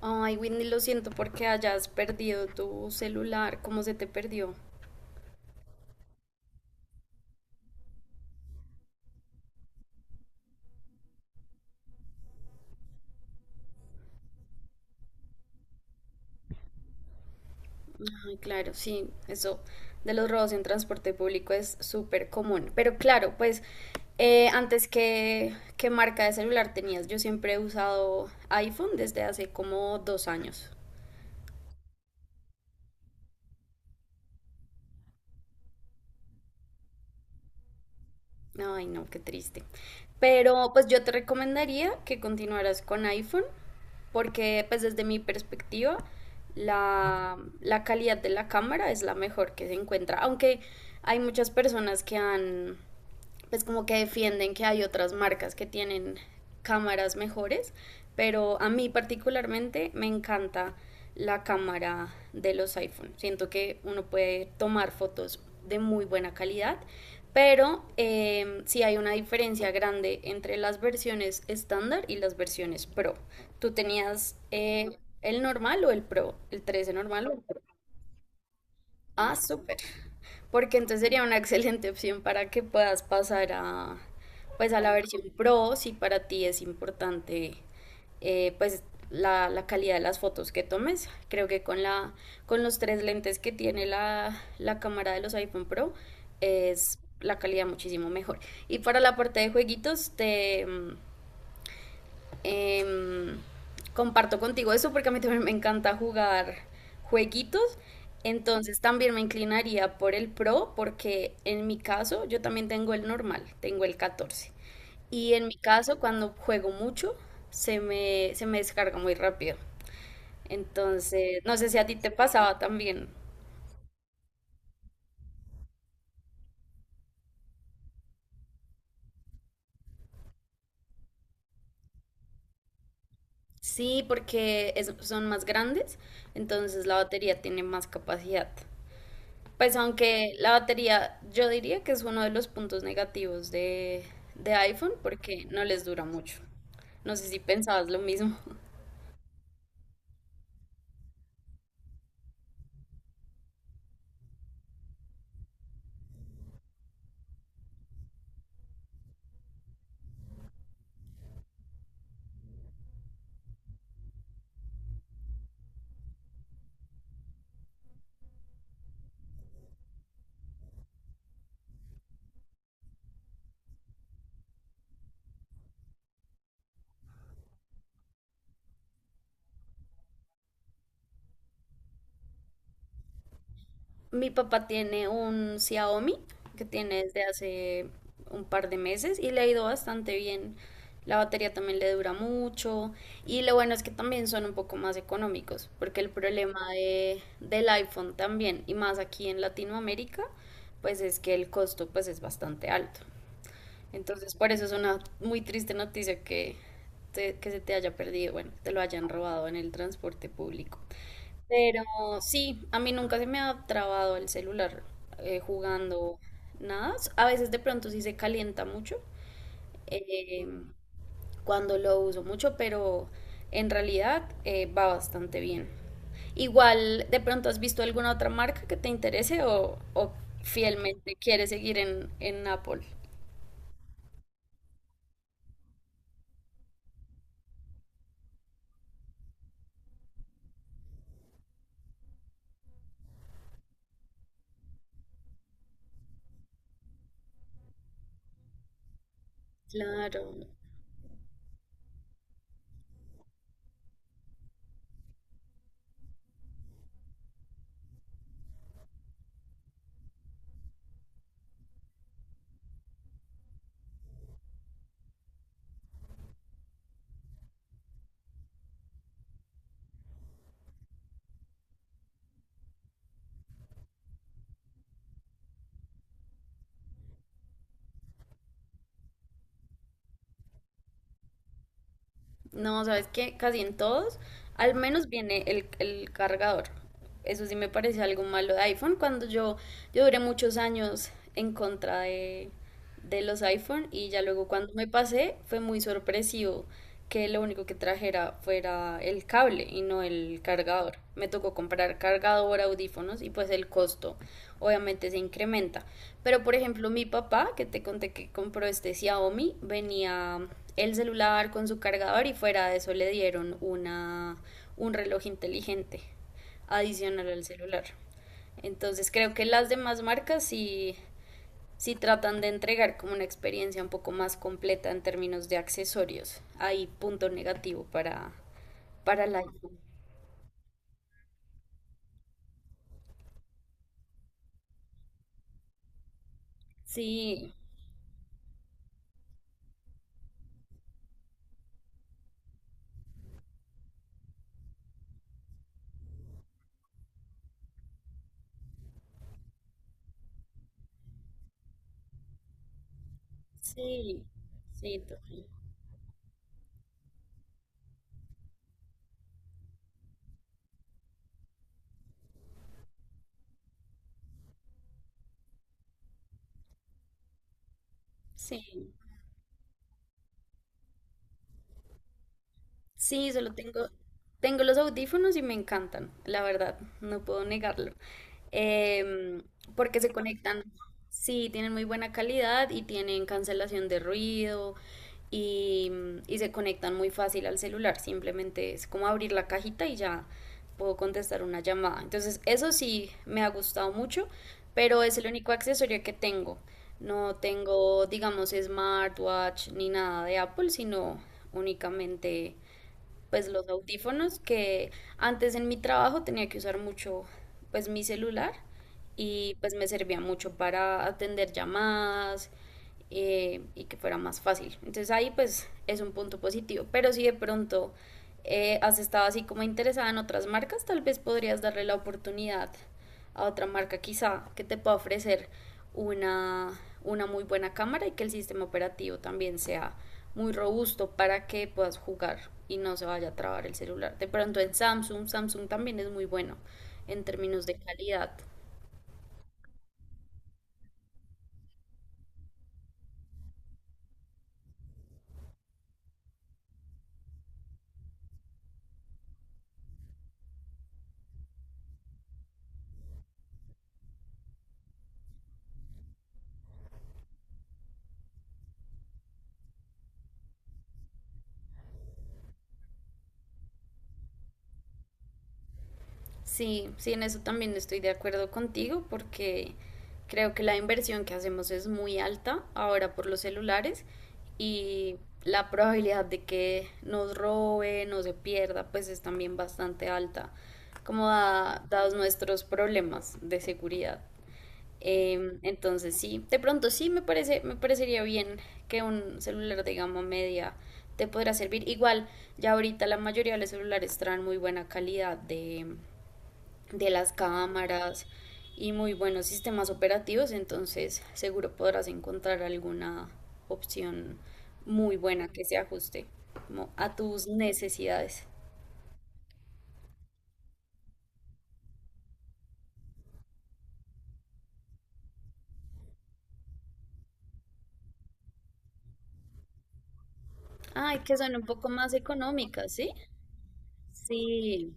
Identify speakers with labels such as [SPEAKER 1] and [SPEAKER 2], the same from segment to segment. [SPEAKER 1] Ay, Whitney, lo siento porque hayas perdido tu celular. ¿Cómo se te perdió? Ay, claro, sí, eso de los robos en transporte público es súper común. Pero claro, pues antes que, ¿qué marca de celular tenías? Yo siempre he usado iPhone desde hace como dos años. Ay, no, qué triste. Pero pues yo te recomendaría que continuaras con iPhone, porque pues desde mi perspectiva la calidad de la cámara es la mejor que se encuentra, aunque hay muchas personas que han pues como que defienden que hay otras marcas que tienen cámaras mejores, pero a mí particularmente me encanta la cámara de los iPhone. Siento que uno puede tomar fotos de muy buena calidad, pero sí hay una diferencia grande entre las versiones estándar y las versiones Pro. ¿Tú tenías el normal o el Pro? ¿El 13 normal o el Pro? Ah, súper porque entonces sería una excelente opción para que puedas pasar a, pues a la versión Pro, si para ti es importante, pues la calidad de las fotos que tomes. Creo que con la, con los tres lentes que tiene la cámara de los iPhone Pro es la calidad muchísimo mejor. Y para la parte de jueguitos, em, comparto contigo eso porque a mí también me encanta jugar jueguitos. Entonces también me inclinaría por el Pro porque en mi caso yo también tengo el normal, tengo el 14. Y en mi caso cuando juego mucho se me descarga muy rápido. Entonces, no sé si a ti te pasaba también. Sí, porque son más grandes, entonces la batería tiene más capacidad. Pues aunque la batería yo diría que es uno de los puntos negativos de iPhone porque no les dura mucho. No sé si pensabas lo mismo. Mi papá tiene un Xiaomi que tiene desde hace un par de meses y le ha ido bastante bien. La batería también le dura mucho y lo bueno es que también son un poco más económicos porque el problema del iPhone también y más aquí en Latinoamérica pues es que el costo pues es bastante alto. Entonces, por eso es una muy triste noticia que se te haya perdido, bueno, te lo hayan robado en el transporte público. Pero sí, a mí nunca se me ha trabado el celular jugando nada. A veces de pronto sí se calienta mucho eh, cuando lo uso mucho, pero en realidad va bastante bien. Igual, de pronto has visto alguna otra marca que te interese o fielmente quieres seguir en Apple. Claro. No, sabes que casi en todos, al menos viene el cargador. Eso sí me parece algo malo de iPhone. Yo duré muchos años en contra de los iPhone y ya luego cuando me pasé fue muy sorpresivo que lo único que trajera fuera el cable y no el cargador. Me tocó comprar cargador, audífonos y pues el costo obviamente se incrementa. Pero por ejemplo mi papá, que te conté que compró este Xiaomi, venía el celular con su cargador y fuera de eso le dieron una, un reloj inteligente adicional al celular. Entonces creo que las demás marcas sí, sí tratan de entregar como una experiencia un poco más completa en términos de accesorios. Hay punto negativo para el iPhone. Sí, sí, sí, total. Sí. Sí, solo tengo, tengo los audífonos y me encantan, la verdad, no puedo negarlo. Em, Porque se conectan, sí, tienen muy buena calidad y tienen cancelación de ruido y, y se conectan muy fácil al celular. Simplemente es como abrir la cajita y ya puedo contestar una llamada. Entonces, eso sí me ha gustado mucho, pero es el único accesorio que tengo. No tengo, digamos, smartwatch ni nada de Apple, sino únicamente pues los audífonos que antes en mi trabajo tenía que usar mucho pues mi celular y pues me servía mucho para atender llamadas y que fuera más fácil. Entonces ahí pues es un punto positivo, pero si de pronto has estado así como interesada en otras marcas, tal vez podrías darle la oportunidad a otra marca quizá que te pueda ofrecer una, una muy buena cámara y que el sistema operativo también sea muy robusto para que puedas jugar y no se vaya a trabar el celular. De pronto en Samsung, Samsung también es muy bueno en términos de calidad. Sí, sí, en eso también estoy de acuerdo contigo porque creo que la inversión que hacemos es muy alta ahora por los celulares y la probabilidad de que nos roben o se pierda pues es también bastante alta, como dados nuestros problemas de seguridad. Entonces sí, de pronto sí me parecería bien que un celular de gama media te podrá servir. Igual, ya ahorita la mayoría de los celulares traen muy buena calidad de las cámaras y muy buenos sistemas operativos, entonces seguro podrás encontrar alguna opción muy buena que se ajuste como a tus necesidades. Ay, que son un poco más económicas, ¿sí? Sí,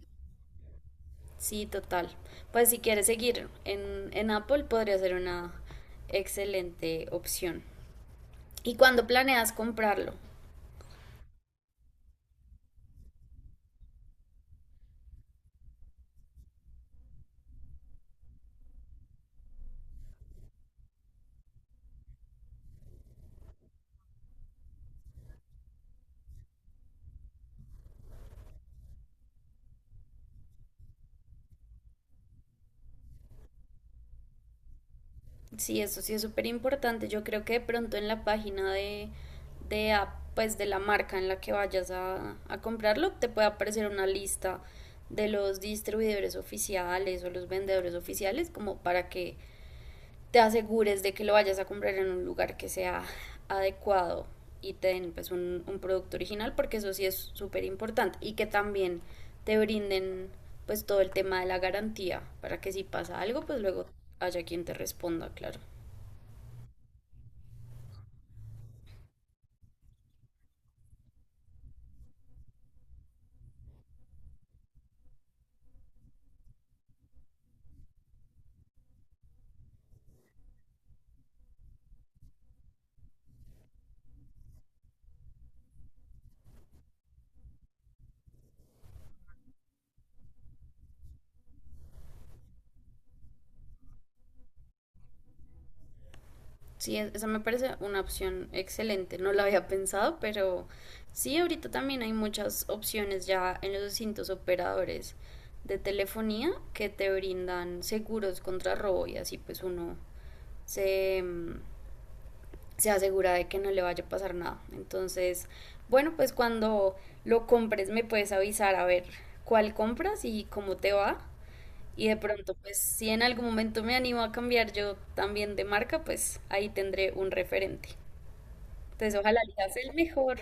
[SPEAKER 1] sí, total. Pues si quieres seguir en Apple podría ser una excelente opción. ¿Y cuando planeas comprarlo? Sí, eso sí es súper importante. Yo creo que de pronto en la página de, pues de la marca en la que vayas a comprarlo, te puede aparecer una lista de los distribuidores oficiales o los vendedores oficiales, como para que te asegures de que lo vayas a comprar en un lugar que sea adecuado y te den pues un producto original, porque eso sí es súper importante. Y que también te brinden pues todo el tema de la garantía, para que si pasa algo, pues luego haya quien te responda, claro. Sí, esa me parece una opción excelente. No la había pensado, pero sí, ahorita también hay muchas opciones ya en los distintos operadores de telefonía que te brindan seguros contra robo y así pues uno se, mm, se asegura de que no le vaya a pasar nada. Entonces, bueno, pues cuando lo compres me puedes avisar a ver cuál compras y cómo te va. Y de pronto, pues si en algún momento me animo a cambiar yo también de marca, pues ahí tendré un referente. Entonces, ojalá elijas el mejor.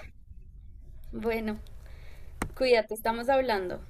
[SPEAKER 1] Bueno, cuídate, estamos hablando.